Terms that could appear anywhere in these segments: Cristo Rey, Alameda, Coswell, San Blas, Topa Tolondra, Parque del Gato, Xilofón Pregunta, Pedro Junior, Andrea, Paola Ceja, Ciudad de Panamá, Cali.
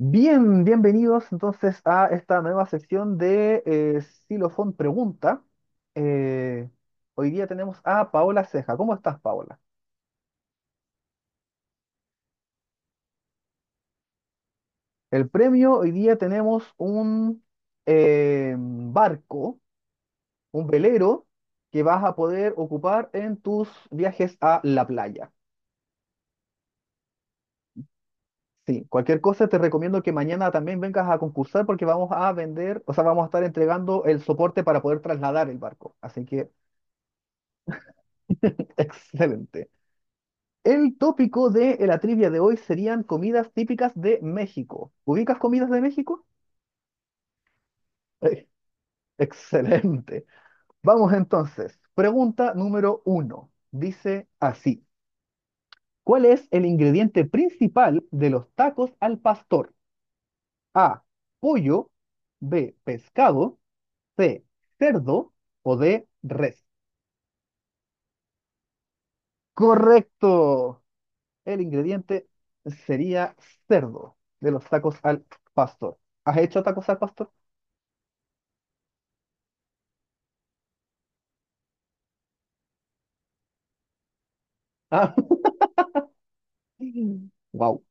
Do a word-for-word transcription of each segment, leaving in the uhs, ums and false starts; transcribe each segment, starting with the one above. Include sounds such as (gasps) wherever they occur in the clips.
Bien, bienvenidos entonces a esta nueva sección de eh, Xilofón Pregunta. Eh, hoy día tenemos a Paola Ceja. ¿Cómo estás, Paola? El premio, hoy día tenemos un eh, barco, un velero que vas a poder ocupar en tus viajes a la playa. Sí, cualquier cosa te recomiendo que mañana también vengas a concursar porque vamos a vender, o sea, vamos a estar entregando el soporte para poder trasladar el barco. Así que, (laughs) excelente. El tópico de eh, la trivia de hoy serían comidas típicas de México. ¿Ubicas comidas de México? (laughs) Eh, excelente. Vamos entonces. Pregunta número uno. Dice así. ¿Cuál es el ingrediente principal de los tacos al pastor? A. Pollo. B. Pescado. C. Cerdo. O D. Res. Correcto. El ingrediente sería cerdo de los tacos al pastor. ¿Has hecho tacos al pastor? Ah, wow,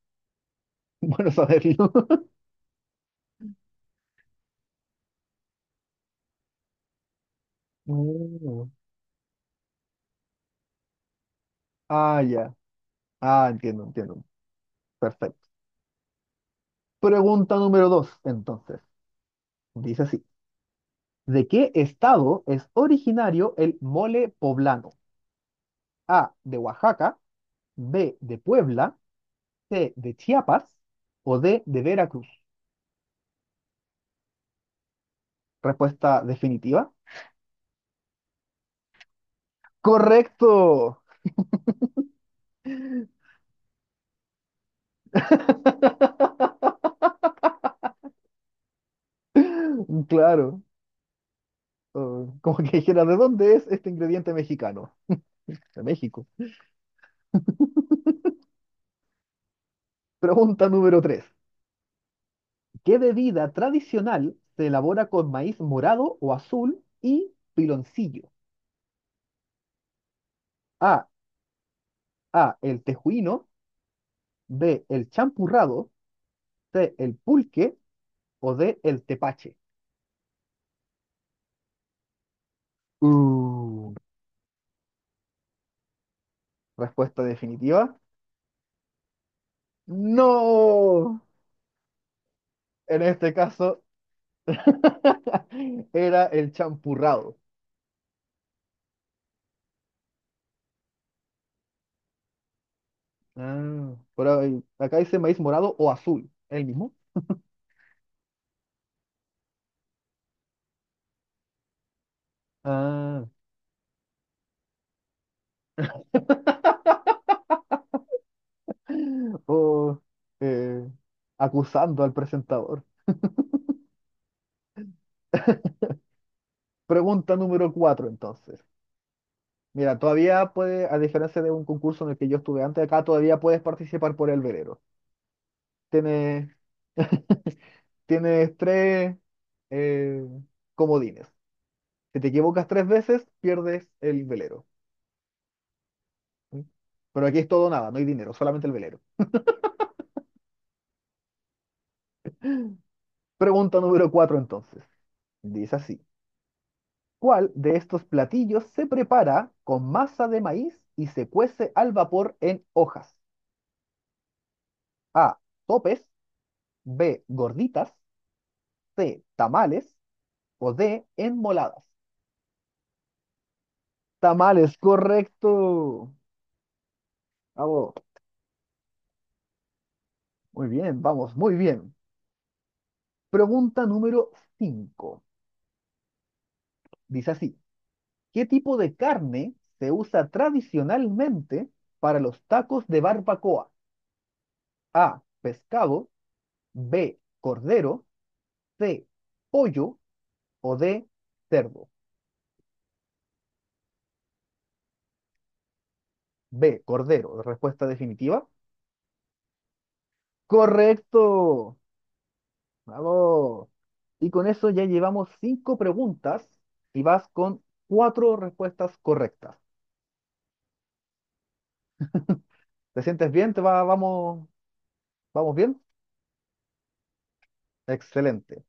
(laughs) bueno saberlo. (laughs) Mm. Ah, ya. Ah, entiendo, entiendo. Perfecto. Pregunta número dos, entonces. Dice así. ¿De qué estado es originario el mole poblano? A, de Oaxaca, B, de Puebla, C, de Chiapas o D, de Veracruz. Respuesta definitiva. Correcto. (laughs) Claro. Oh, como que dijera, ¿de dónde es este ingrediente mexicano? De México. Pregunta número tres. ¿Qué bebida tradicional se elabora con maíz morado o azul y piloncillo? A. A. El tejuino. B. El champurrado. C. El pulque. O D. El tepache. Uh, respuesta definitiva. No. En este caso (laughs) era el champurrado. Ah, pero ahí- acá dice maíz morado o azul. ¿El mismo? Ah, (gasps) o eh, acusando al presentador. Pregunta número cuatro, entonces. Mira, todavía puede, a diferencia de un concurso en el que yo estuve antes, acá todavía puedes participar por el verero. Tienes, tienes tres eh, comodines. Si te equivocas tres veces, pierdes el velero. ¿Sí? Pero aquí es todo o nada, no hay dinero, solamente el velero. Pregunta número cuatro, entonces. Dice así. ¿Cuál de estos platillos se prepara con masa de maíz y se cuece al vapor en hojas? A. Topes. B. Gorditas. C. Tamales o D, enmoladas. Tamales, correcto. Bravo. Muy bien, vamos, muy bien. Pregunta número cinco. Dice así, ¿qué tipo de carne se usa tradicionalmente para los tacos de barbacoa? A, pescado, B, cordero, C, pollo o D, cerdo. B, cordero, respuesta definitiva. Correcto. Vamos. Y con eso ya llevamos cinco preguntas y vas con cuatro respuestas correctas. ¿Te sientes bien? ¿Te va, vamos, vamos bien? Excelente,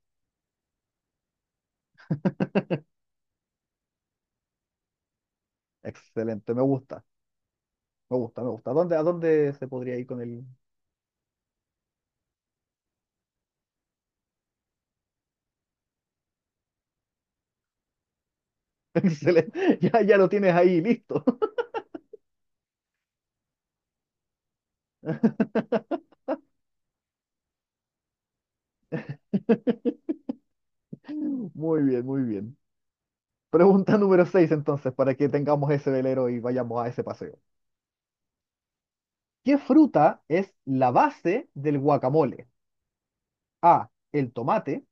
excelente. Me gusta, me gusta, me gusta. ¿A dónde, a dónde se podría ir con el... (laughs) Excelente. Ya, ya lo tienes ahí, listo. (laughs) Muy bien, muy bien. Pregunta número seis entonces, para que tengamos ese velero y vayamos a ese paseo. ¿Qué fruta es la base del guacamole? A, el tomate,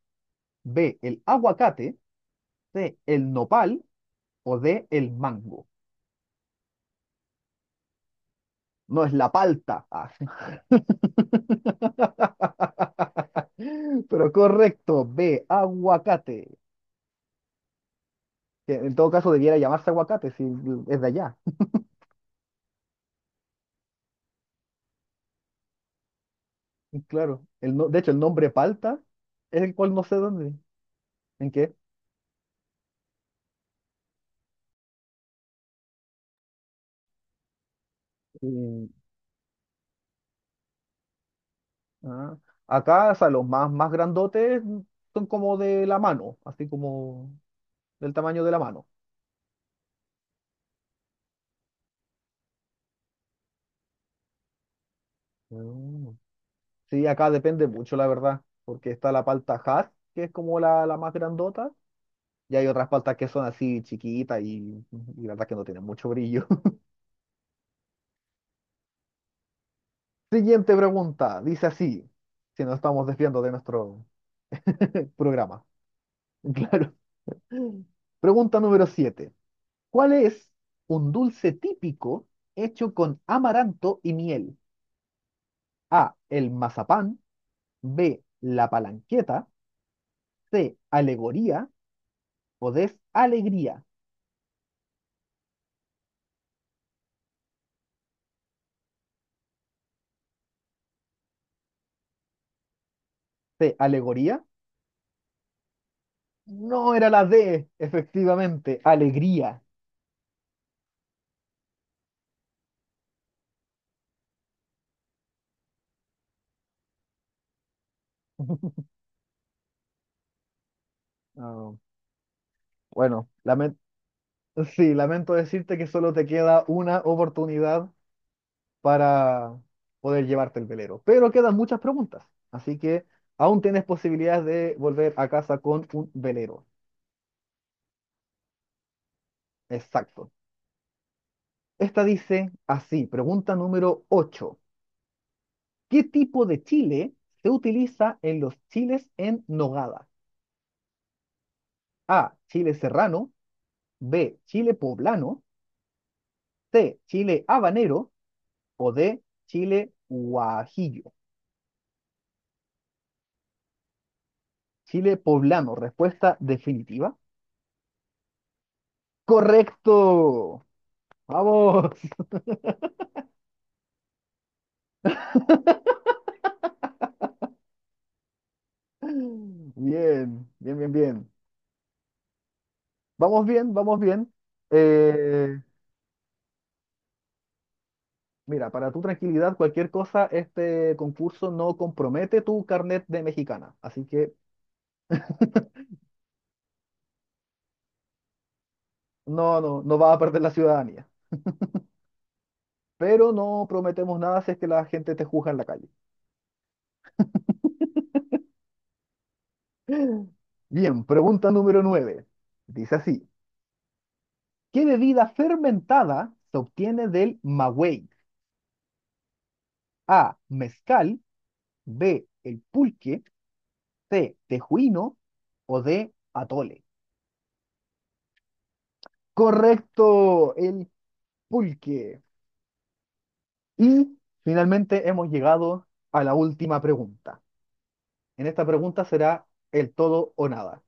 B, el aguacate. De el nopal o de el mango. No es la palta. Ah. (laughs) Pero correcto, B, aguacate. Que en todo caso debiera llamarse aguacate si es de allá. Claro. El no- de hecho, el nombre palta es el cual no sé dónde. ¿En qué? Eh, ah. Acá, o sea, los más, más grandotes son como de la mano, así como del tamaño de la mano. Ah. Sí, acá depende mucho, la verdad, porque está la palta Hass, que es como la, la más grandota, y hay otras paltas que son así chiquitas y, y la verdad que no tienen mucho brillo. (laughs) Siguiente pregunta, dice así, si nos estamos desviando de nuestro (laughs) programa. (laughs) Claro. Pregunta número siete. ¿Cuál es un dulce típico hecho con amaranto y miel? A, el mazapán, B, la palanqueta, C, alegoría o D, alegría. C, alegoría. No era la D, efectivamente, alegría. (laughs) Ah, bueno, lamen- sí, lamento decirte que solo te queda una oportunidad para poder llevarte el velero, pero quedan muchas preguntas, así que aún tienes posibilidades de volver a casa con un velero. Exacto. Esta dice así, pregunta número ocho. ¿Qué tipo de chile se utiliza en los chiles en nogada? A, chile serrano, B, chile poblano, C, chile habanero o D, chile guajillo. Chile poblano, respuesta definitiva. Correcto. Vamos. (laughs) Bien, bien, bien, bien. Vamos bien, vamos bien. Eh, mira, para tu tranquilidad, cualquier cosa, este concurso no compromete tu carnet de mexicana. Así que (laughs) no, no, no vas a perder la ciudadanía. Pero no prometemos nada si es que la gente te juzga en la calle. (gasps) (laughs) Bien, pregunta número nueve. Dice así. ¿Qué bebida fermentada se obtiene del maguey? A, mezcal, B, el pulque, C, tejuino o D, atole. Correcto, el pulque. Y finalmente hemos llegado a la última pregunta. En esta pregunta será el todo o nada.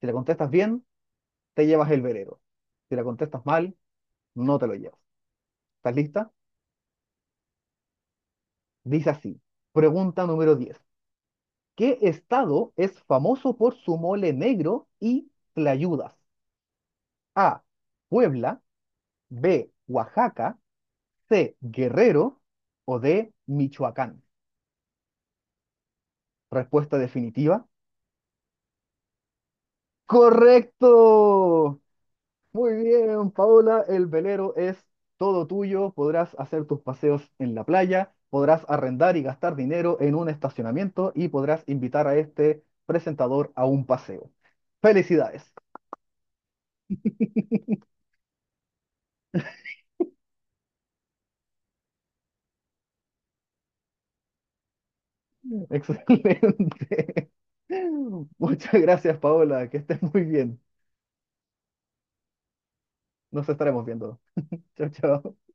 Si la contestas bien, te llevas el velero. Si la contestas mal, no te lo llevas. ¿Estás lista? Dice así. Pregunta número diez. ¿Qué estado es famoso por su mole negro y tlayudas? A. Puebla. B. Oaxaca. C. Guerrero. O D. Michoacán. Respuesta definitiva. ¡Correcto! Muy bien, Paola. El velero es todo tuyo. Podrás hacer tus paseos en la playa. Podrás arrendar y gastar dinero en un estacionamiento y podrás invitar a este presentador a un paseo. Felicidades. (laughs) Excelente. (laughs) Muchas gracias, Paola. Que estés muy bien. Nos estaremos viendo. Chao, chao.